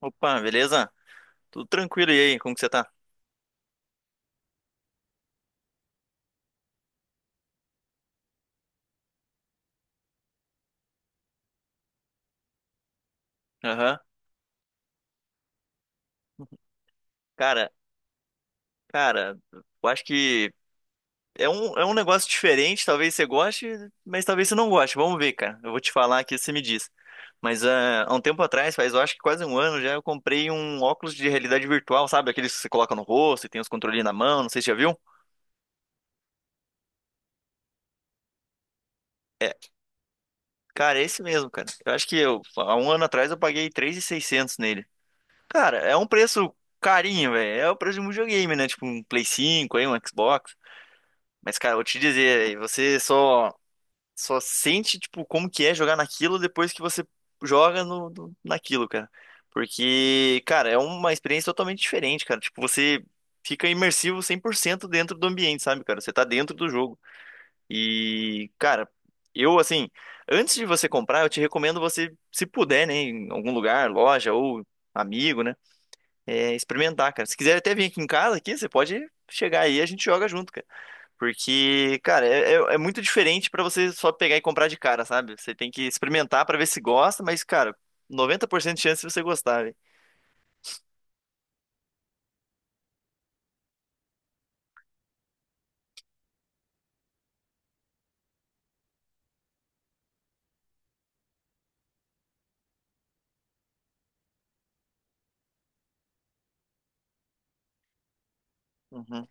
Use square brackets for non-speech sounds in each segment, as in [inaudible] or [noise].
Opa, beleza? Tudo tranquilo e aí? Como que você tá? Aham. Cara, cara, eu acho que é um negócio diferente, talvez você goste, mas talvez você não goste. Vamos ver, cara. Eu vou te falar aqui, você me diz. Mas há um tempo atrás, faz eu acho que quase um ano já, eu comprei um óculos de realidade virtual, sabe? Aqueles que você coloca no rosto e tem os controlinhos na mão, não sei se já viu. Cara, é esse mesmo, cara. Eu acho que há um ano atrás eu paguei 3.600 nele. Cara, é um preço carinho, velho. É o preço de um videogame, né? Tipo um Play 5 aí, um Xbox. Mas, cara, eu vou te dizer, você só sente, tipo, como que é jogar naquilo depois que você joga naquilo, cara. Porque, cara, é uma experiência totalmente diferente, cara. Tipo, você fica imersivo 100% dentro do ambiente, sabe, cara? Você tá dentro do jogo. E, cara, eu, assim, antes de você comprar, eu te recomendo você, se puder, né, em algum lugar, loja ou amigo, né, é, experimentar, cara. Se quiser até vir aqui em casa, aqui, você pode chegar aí e a gente joga junto, cara. Porque, cara, é muito diferente pra você só pegar e comprar de cara, sabe? Você tem que experimentar pra ver se gosta, mas, cara, 90% de chance de você gostar, velho. Uhum.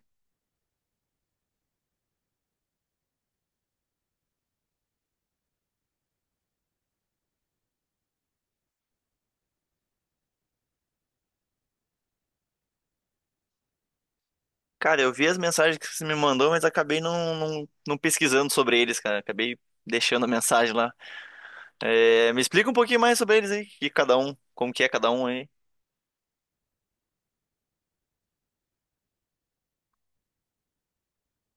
Cara, eu vi as mensagens que você me mandou, mas acabei não, não, não pesquisando sobre eles, cara. Acabei deixando a mensagem lá. É, me explica um pouquinho mais sobre eles aí, que cada um, como que é cada um aí.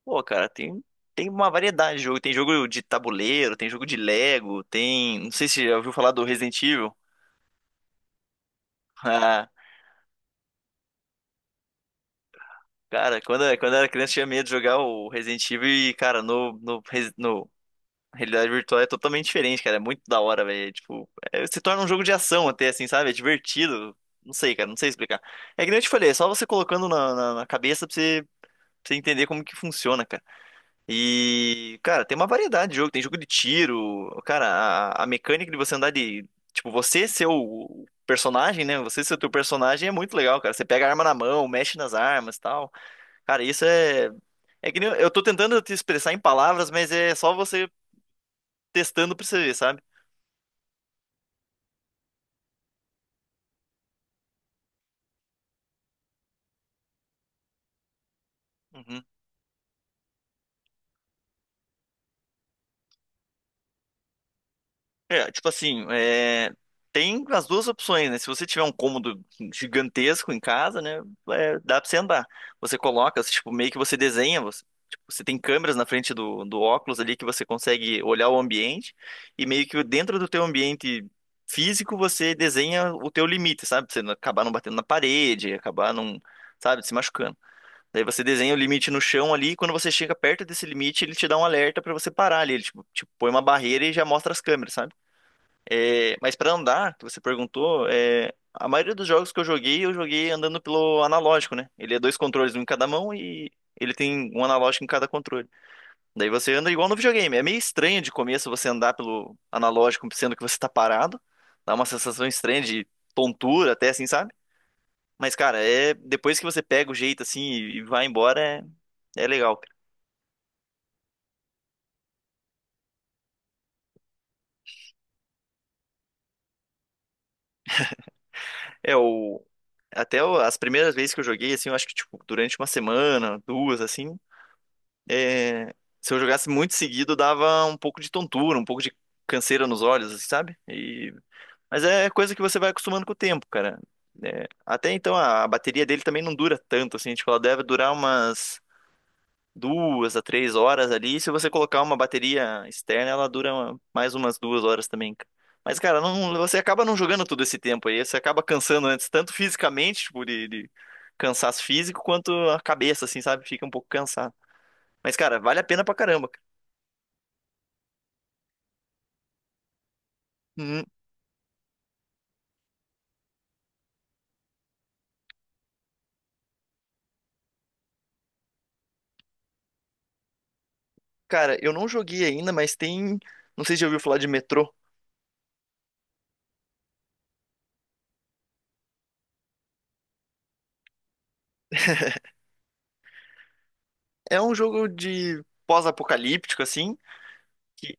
Pô, cara, tem uma variedade de jogo. Tem jogo de tabuleiro, tem jogo de Lego, tem. Não sei se você já ouviu falar do Resident Evil. [laughs] Cara, quando eu era criança, eu tinha medo de jogar o Resident Evil e, cara, no realidade virtual é totalmente diferente, cara. É muito da hora, velho. É, tipo, se torna um jogo de ação até, assim, sabe? É divertido. Não sei, cara, não sei explicar. É que nem eu te falei, é só você colocando na cabeça pra você entender como que funciona, cara. E, cara, tem uma variedade de jogo. Tem jogo de tiro, cara, a mecânica de você andar de. Tipo, você ser o personagem, né? Você ser o teu personagem é muito legal, cara. Você pega a arma na mão, mexe nas armas e tal. Cara, isso é. É que nem eu tô tentando te expressar em palavras, mas é só você testando pra você ver, sabe? Uhum. É, tipo assim, é, tem as duas opções, né? Se você tiver um cômodo gigantesco em casa, né? É, dá pra você andar. Você coloca, você, tipo, meio que você desenha, você, tipo, você tem câmeras na frente do óculos ali que você consegue olhar o ambiente e meio que dentro do teu ambiente físico você desenha o teu limite, sabe? Pra você não acabar não batendo na parede, acabar não, sabe, se machucando. Daí você desenha o limite no chão ali, e quando você chega perto desse limite, ele te dá um alerta pra você parar ali. Ele tipo, te põe uma barreira e já mostra as câmeras, sabe? É, mas pra andar, que você perguntou, é, a maioria dos jogos que eu joguei andando pelo analógico, né? Ele é dois controles, um em cada mão e ele tem um analógico em cada controle. Daí você anda igual no videogame. É meio estranho de começo você andar pelo analógico, sendo que você tá parado. Dá uma sensação estranha de tontura até, assim, sabe? Mas, cara, é depois que você pega o jeito assim e vai embora, é, é legal, cara. É o as primeiras vezes que eu joguei assim, eu acho que tipo durante uma semana, duas assim, é, se eu jogasse muito seguido dava um pouco de tontura, um pouco de canseira nos olhos, assim, sabe? E mas é coisa que você vai acostumando com o tempo, cara. É, até então a bateria dele também não dura tanto assim, tipo ela deve durar umas 2 a 3 horas ali. Se você colocar uma bateria externa, ela dura mais umas 2 horas também. Mas, cara, não- você acaba não jogando todo esse tempo aí. Você acaba cansando antes, tanto fisicamente, tipo, de cansaço físico, quanto a cabeça, assim, sabe? Fica um pouco cansado. Mas, cara, vale a pena pra caramba, cara. Hum. Cara, eu não joguei ainda, mas tem. Não sei se já ouviu falar de Metrô. É um jogo de pós-apocalíptico, assim. que-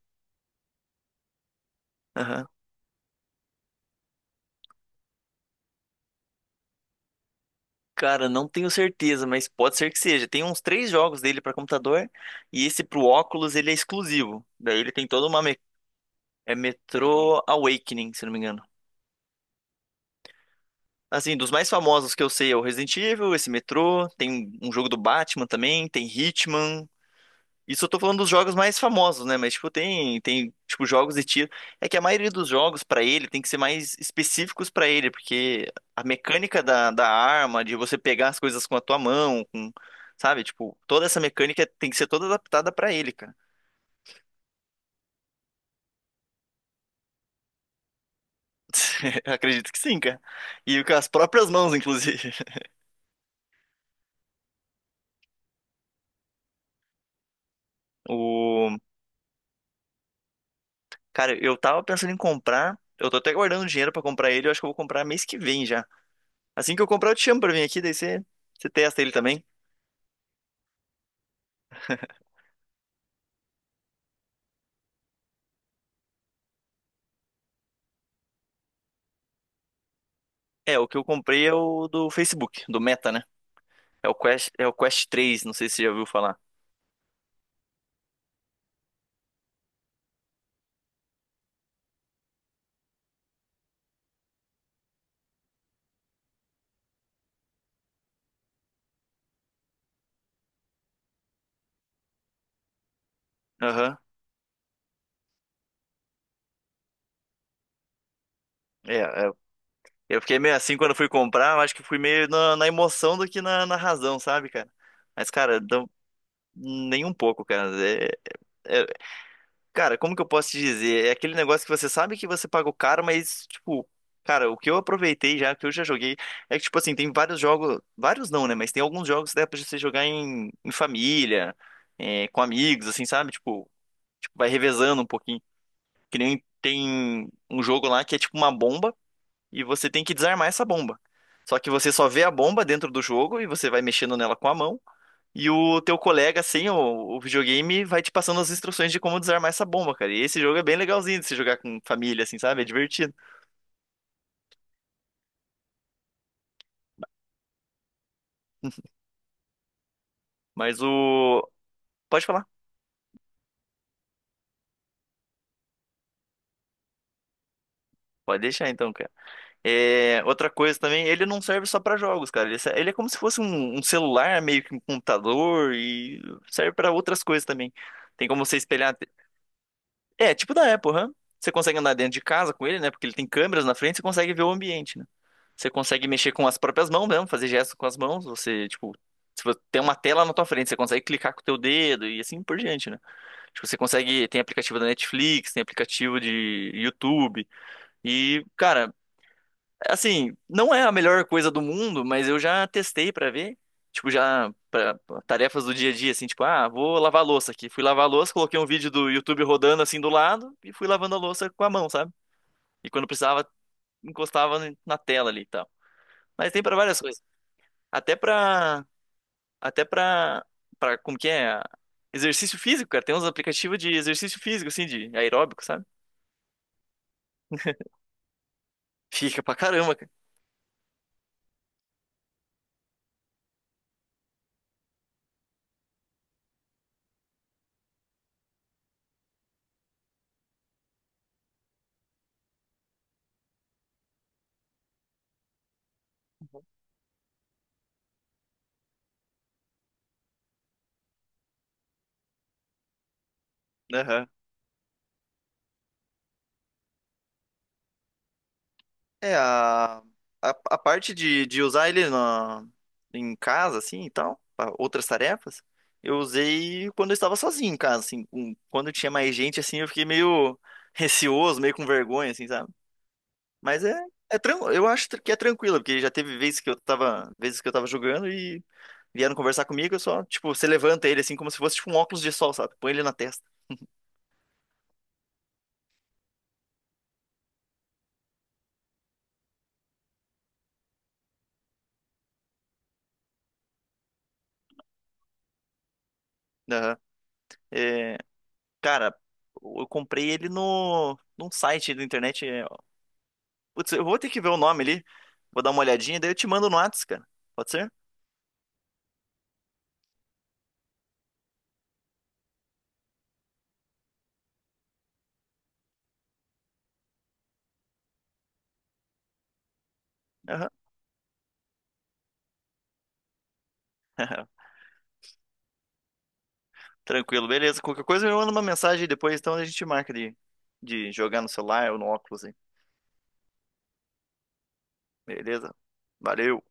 Cara, não tenho certeza, mas pode ser que seja. Tem uns três jogos dele pra computador e esse pro óculos ele é exclusivo. Daí ele tem toda uma me... É Metro Awakening, se não me engano. Assim, dos mais famosos que eu sei é o Resident Evil, esse Metro, tem um jogo do Batman também, tem Hitman. Isso eu tô falando dos jogos mais famosos, né? Mas, tipo, tem, tipo, jogos de tiro. É que a maioria dos jogos, pra ele, tem que ser mais específicos pra ele, porque a mecânica da arma, de você pegar as coisas com a tua mão, com, sabe? Tipo, toda essa mecânica tem que ser toda adaptada pra ele, cara. [laughs] Acredito que sim, cara. E com as próprias mãos, inclusive. O... Cara, eu tava pensando em comprar. Eu tô até guardando dinheiro pra comprar ele. Eu acho que eu vou comprar mês que vem já. Assim que eu comprar, eu te chamo pra vir aqui, daí você, você testa ele também. É, o que eu comprei é o do Facebook, do Meta, né? É o Quest, é o Quest 3, não sei se você já ouviu falar. Aham. É, eu fiquei meio assim quando eu fui comprar, mas acho que fui meio na emoção do que na razão, sabe, cara? Mas, cara, não, nem um pouco, cara. É, é- cara, como que eu posso te dizer? É aquele negócio que você sabe que você pagou caro, mas, tipo, cara, o que eu aproveitei já, o que eu já joguei, é que, tipo assim, tem vários jogos, vários não, né? Mas tem alguns jogos que dá pra você jogar em família, é, com amigos, assim, sabe? Tipo, vai revezando um pouquinho. Que nem tem um jogo lá que é tipo uma bomba e você tem que desarmar essa bomba. Só que você só vê a bomba dentro do jogo e você vai mexendo nela com a mão. E o teu colega, sem o videogame, vai te passando as instruções de como desarmar essa bomba, cara. E esse jogo é bem legalzinho de se jogar com família, assim, sabe? É divertido. Mas o. Pode falar. Pode deixar então, cara. É, outra coisa também, ele não serve só pra jogos, cara. Ele é como se fosse um celular, meio que um computador, e serve pra outras coisas também. Tem como você espelhar. É, tipo da Apple, hã? Você consegue andar dentro de casa com ele, né? Porque ele tem câmeras na frente, você consegue ver o ambiente, né? Você consegue mexer com as próprias mãos mesmo, fazer gestos com as mãos. Você, tipo, se você tem uma tela na tua frente, você consegue clicar com o teu dedo e assim por diante, né? Tipo, você consegue. Tem aplicativo da Netflix, tem aplicativo de YouTube. E, cara. Assim, não é a melhor coisa do mundo, mas eu já testei pra ver. Tipo, já para tarefas do dia a dia, assim, tipo, ah, vou lavar a louça aqui. Fui lavar a louça, coloquei um vídeo do YouTube rodando assim do lado e fui lavando a louça com a mão, sabe? E quando precisava, encostava na tela ali e tal. Mas tem pra várias coisas. Até pra até pra para como que é? Exercício físico, cara. Tem uns aplicativos de exercício físico assim de aeróbico, sabe? Fica pra caramba, cara. É, a parte de usar ele na, em casa, assim, e tal, pra outras tarefas, eu usei quando eu estava sozinho em casa, assim. Quando tinha mais gente, assim, eu fiquei meio [laughs] receoso, meio com vergonha, assim, sabe? Mas eu acho que é tranquilo, porque já teve vezes que eu tava, jogando e vieram conversar comigo, eu só, tipo, você levanta ele, assim, como se fosse, tipo, um óculos de sol, sabe? Põe ele na testa. Aham. É, cara, eu comprei ele no, num site da internet, é Putz, eu vou ter que ver o nome ali. Vou dar uma olhadinha, daí eu te mando no Whats, cara. Pode ser? Aham. [laughs] Tranquilo, beleza. Qualquer coisa eu mando uma mensagem aí depois, então a gente marca de jogar no celular ou no óculos aí. Beleza? Valeu.